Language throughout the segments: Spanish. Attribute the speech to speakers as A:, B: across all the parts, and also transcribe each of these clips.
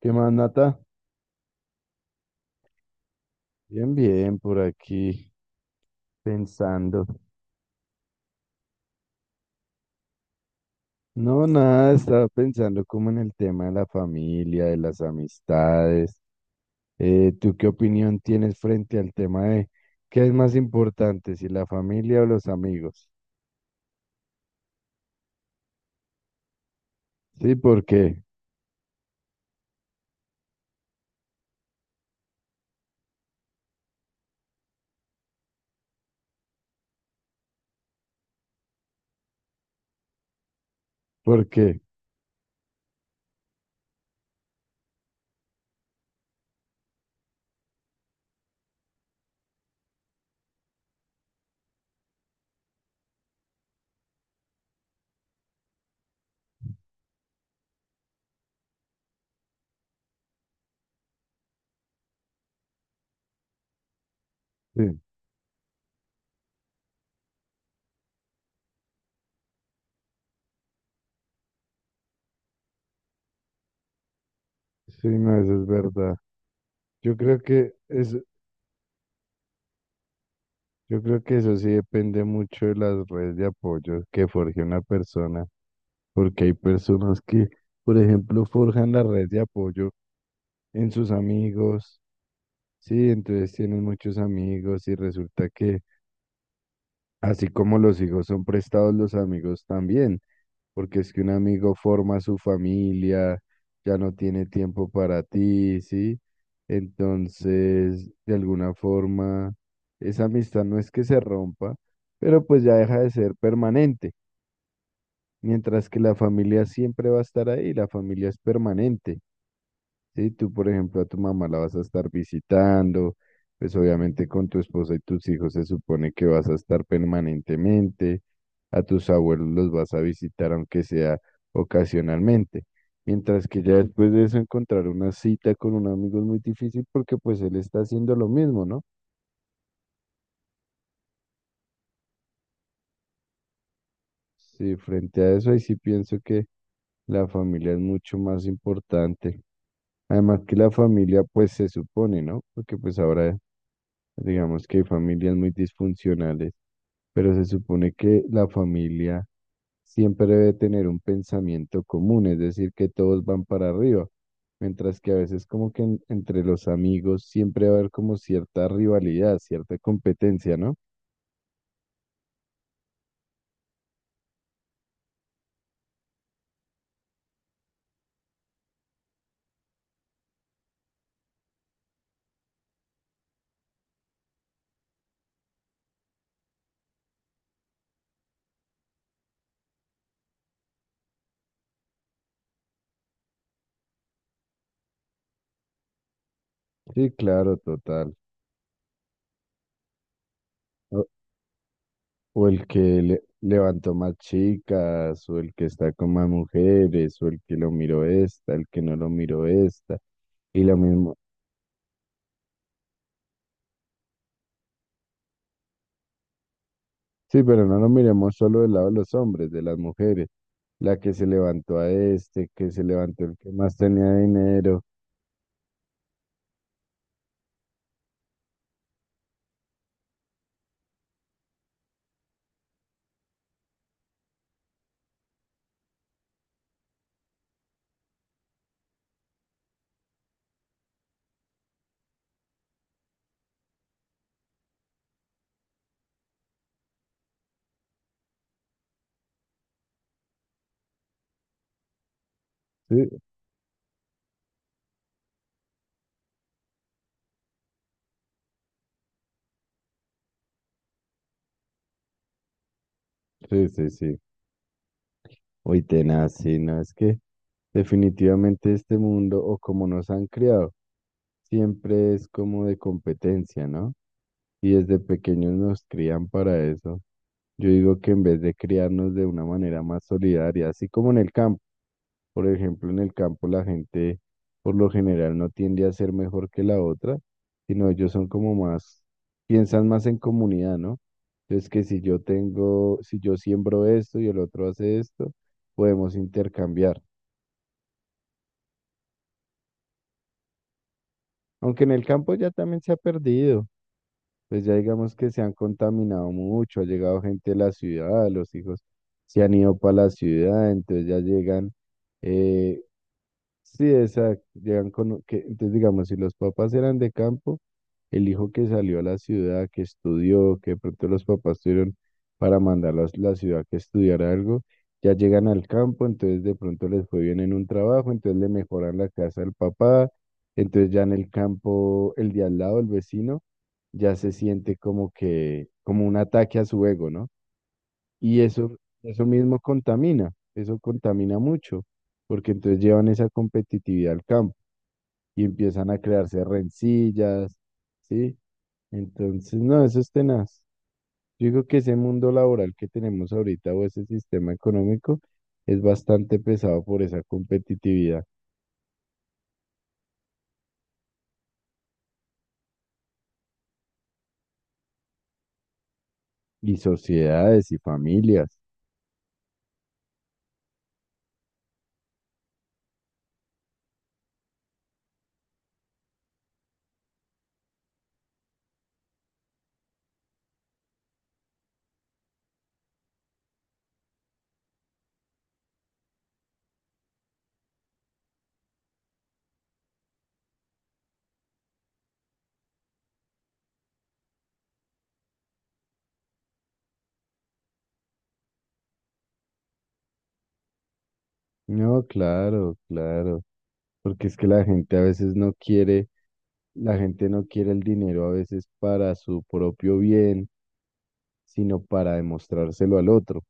A: ¿Qué más, Nata? Bien, bien, por aquí pensando. No, nada, estaba pensando como en el tema de la familia, de las amistades. ¿Tú qué opinión tienes frente al tema de qué es más importante, si la familia o los amigos? Sí, ¿por qué? ¿Por qué? Sí, sí, no, eso es verdad. Yo creo que eso, yo creo que eso sí depende mucho de las redes de apoyo que forje una persona, porque hay personas que, por ejemplo, forjan la red de apoyo en sus amigos, sí, entonces tienen muchos amigos y resulta que así como los hijos son prestados, los amigos también, porque es que un amigo forma su familia, ya no tiene tiempo para ti, sí, entonces de alguna forma esa amistad no es que se rompa, pero pues ya deja de ser permanente, mientras que la familia siempre va a estar ahí, la familia es permanente. Sí, tú, por ejemplo, a tu mamá la vas a estar visitando, pues obviamente con tu esposa y tus hijos se supone que vas a estar permanentemente, a tus abuelos los vas a visitar aunque sea ocasionalmente, mientras que ya después de eso encontrar una cita con un amigo es muy difícil porque pues él está haciendo lo mismo, ¿no? Sí, frente a eso, ahí sí pienso que la familia es mucho más importante. Además que la familia, pues se supone, ¿no? Porque pues ahora digamos que hay familias muy disfuncionales, pero se supone que la familia siempre debe tener un pensamiento común, es decir, que todos van para arriba, mientras que a veces como que entre los amigos siempre va a haber como cierta rivalidad, cierta competencia, ¿no? Sí, claro, total. O el que levantó más chicas, o el que está con más mujeres, o el que lo miró esta, el que no lo miró esta, y lo mismo. Sí, pero no lo miremos solo del lado de los hombres, de las mujeres. La que se levantó a este, que se levantó el que más tenía dinero. Sí, sí, sí, sí. Uy, tenaz, sí, no, es que definitivamente este mundo, o como nos han criado, siempre es como de competencia, ¿no? Y desde pequeños nos crían para eso. Yo digo que en vez de criarnos de una manera más solidaria, así como en el campo, por ejemplo, en el campo la gente por lo general no tiende a ser mejor que la otra, sino ellos son como más, piensan más en comunidad, ¿no? Entonces que si yo tengo, si yo siembro esto y el otro hace esto, podemos intercambiar. Aunque en el campo ya también se ha perdido. Pues ya digamos que se han contaminado mucho, ha llegado gente de la ciudad, los hijos se han ido para la ciudad, entonces ya llegan, eh, sí, exacto. Llegan con, que, entonces, digamos, si los papás eran de campo, el hijo que salió a la ciudad, que estudió, que de pronto los papás tuvieron para mandarlos a la ciudad que estudiara algo, ya llegan al campo, entonces de pronto les fue bien en un trabajo, entonces le mejoran la casa al papá, entonces ya en el campo, el de al lado, el vecino, ya se siente como que, como un ataque a su ego, ¿no? Y eso mismo contamina, eso contamina mucho, porque entonces llevan esa competitividad al campo y empiezan a crearse rencillas, ¿sí? Entonces, no, eso es tenaz. Yo digo que ese mundo laboral que tenemos ahorita o ese sistema económico es bastante pesado por esa competitividad y sociedades y familias. No, claro, claro, porque es que la gente a veces no quiere, la gente no quiere el dinero a veces para su propio bien sino para demostrárselo al otro.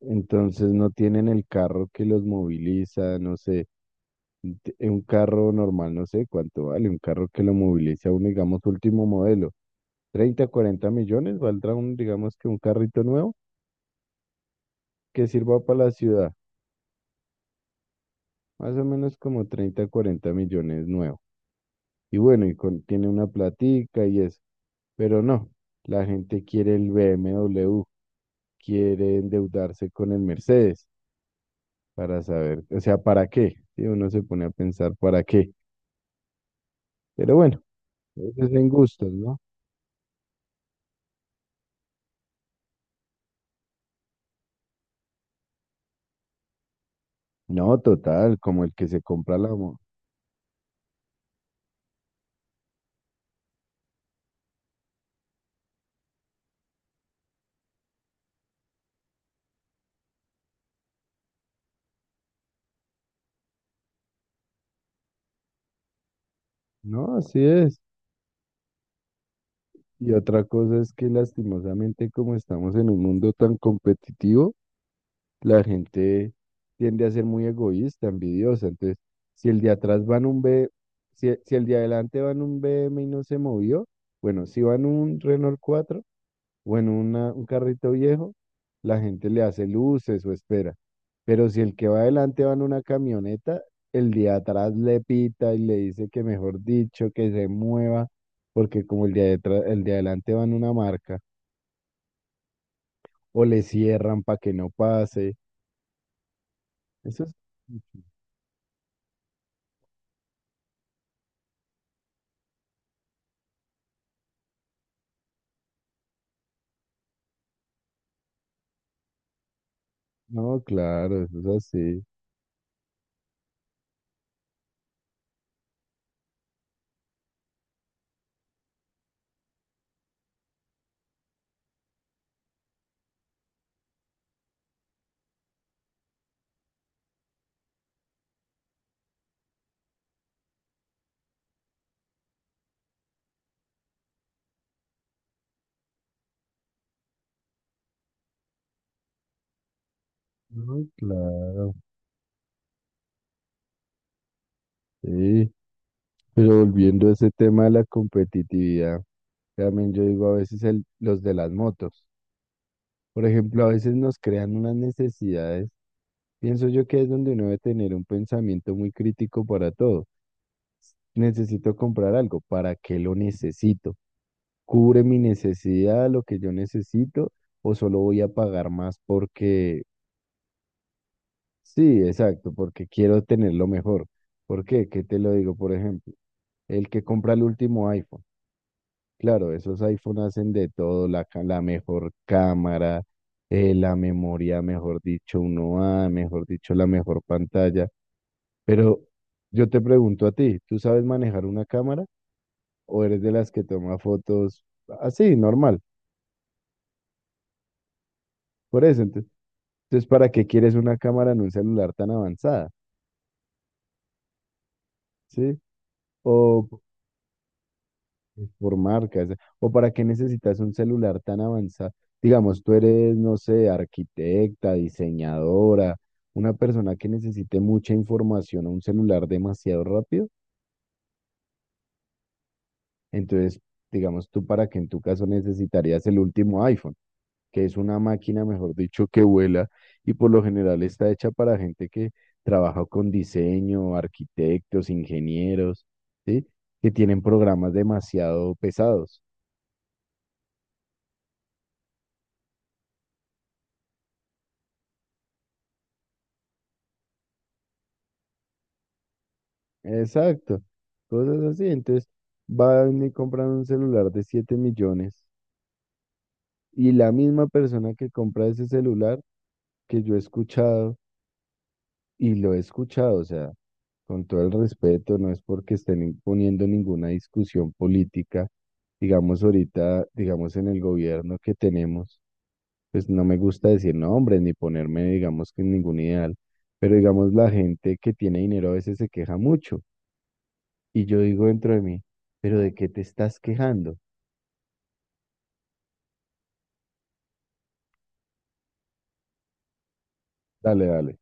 A: Entonces no tienen el carro que los moviliza, no sé, un carro normal, no sé cuánto vale, un carro que lo moviliza un, digamos, último modelo, 30, 40 millones, valdrá un, digamos que un carrito nuevo que sirva para la ciudad, más o menos como 30, 40 millones nuevo. Y bueno, tiene una platica y eso, pero no, la gente quiere el BMW, quiere endeudarse con el Mercedes. Para saber, o sea, ¿para qué? Sí, uno se pone a pensar para qué. Pero bueno, eso es en gustos, ¿no? No, total, como el que se compra la moto. No, así es. Y otra cosa es que lastimosamente como estamos en un mundo tan competitivo, la gente tiende a ser muy egoísta, envidiosa. Entonces, si el de atrás va en un B, si el de adelante va en un BM y no se movió, bueno, si va en un Renault 4 o en un carrito viejo, la gente le hace luces o espera. Pero si el que va adelante va en una camioneta, el de atrás le pita y le dice que mejor dicho, que se mueva, porque como el de atrás, el de adelante va en una marca, o le cierran para que no pase. Eso es... No, claro, eso es así. No, claro, sí. Pero volviendo a ese tema de la competitividad, también yo digo a veces el, los de las motos. Por ejemplo, a veces nos crean unas necesidades. Pienso yo que es donde uno debe tener un pensamiento muy crítico para todo. Necesito comprar algo, ¿para qué lo necesito? ¿Cubre mi necesidad, lo que yo necesito, o solo voy a pagar más porque, sí, exacto, porque quiero tenerlo mejor? ¿Por qué? ¿Qué te lo digo? Por ejemplo, el que compra el último iPhone. Claro, esos iPhone hacen de todo, la, la mejor cámara, la memoria, mejor dicho, uno a mejor dicho, la mejor pantalla. Pero yo te pregunto a ti, ¿tú sabes manejar una cámara o eres de las que toma fotos así, normal? Por eso, entonces, ¿para qué quieres una cámara en un celular tan avanzada? ¿Sí? O es por marcas. ¿O para qué necesitas un celular tan avanzado? Digamos, tú eres, no sé, arquitecta, diseñadora, una persona que necesite mucha información o un celular demasiado rápido. Entonces, digamos, tú para que en tu caso necesitarías el último iPhone, que es una máquina, mejor dicho, que vuela y por lo general está hecha para gente que trabaja con diseño, arquitectos, ingenieros, ¿sí? Que tienen programas demasiado pesados. Exacto, cosas así. Entonces, va y me compran un celular de 7 millones y la misma persona que compra ese celular que yo he escuchado y lo he escuchado, o sea, con todo el respeto, no es porque estén imponiendo ninguna discusión política, digamos ahorita, digamos en el gobierno que tenemos, pues no me gusta decir nombres ni ponerme, digamos que en ningún ideal, pero digamos la gente que tiene dinero a veces se queja mucho. Y yo digo dentro de mí, ¿pero de qué te estás quejando? Dale, dale.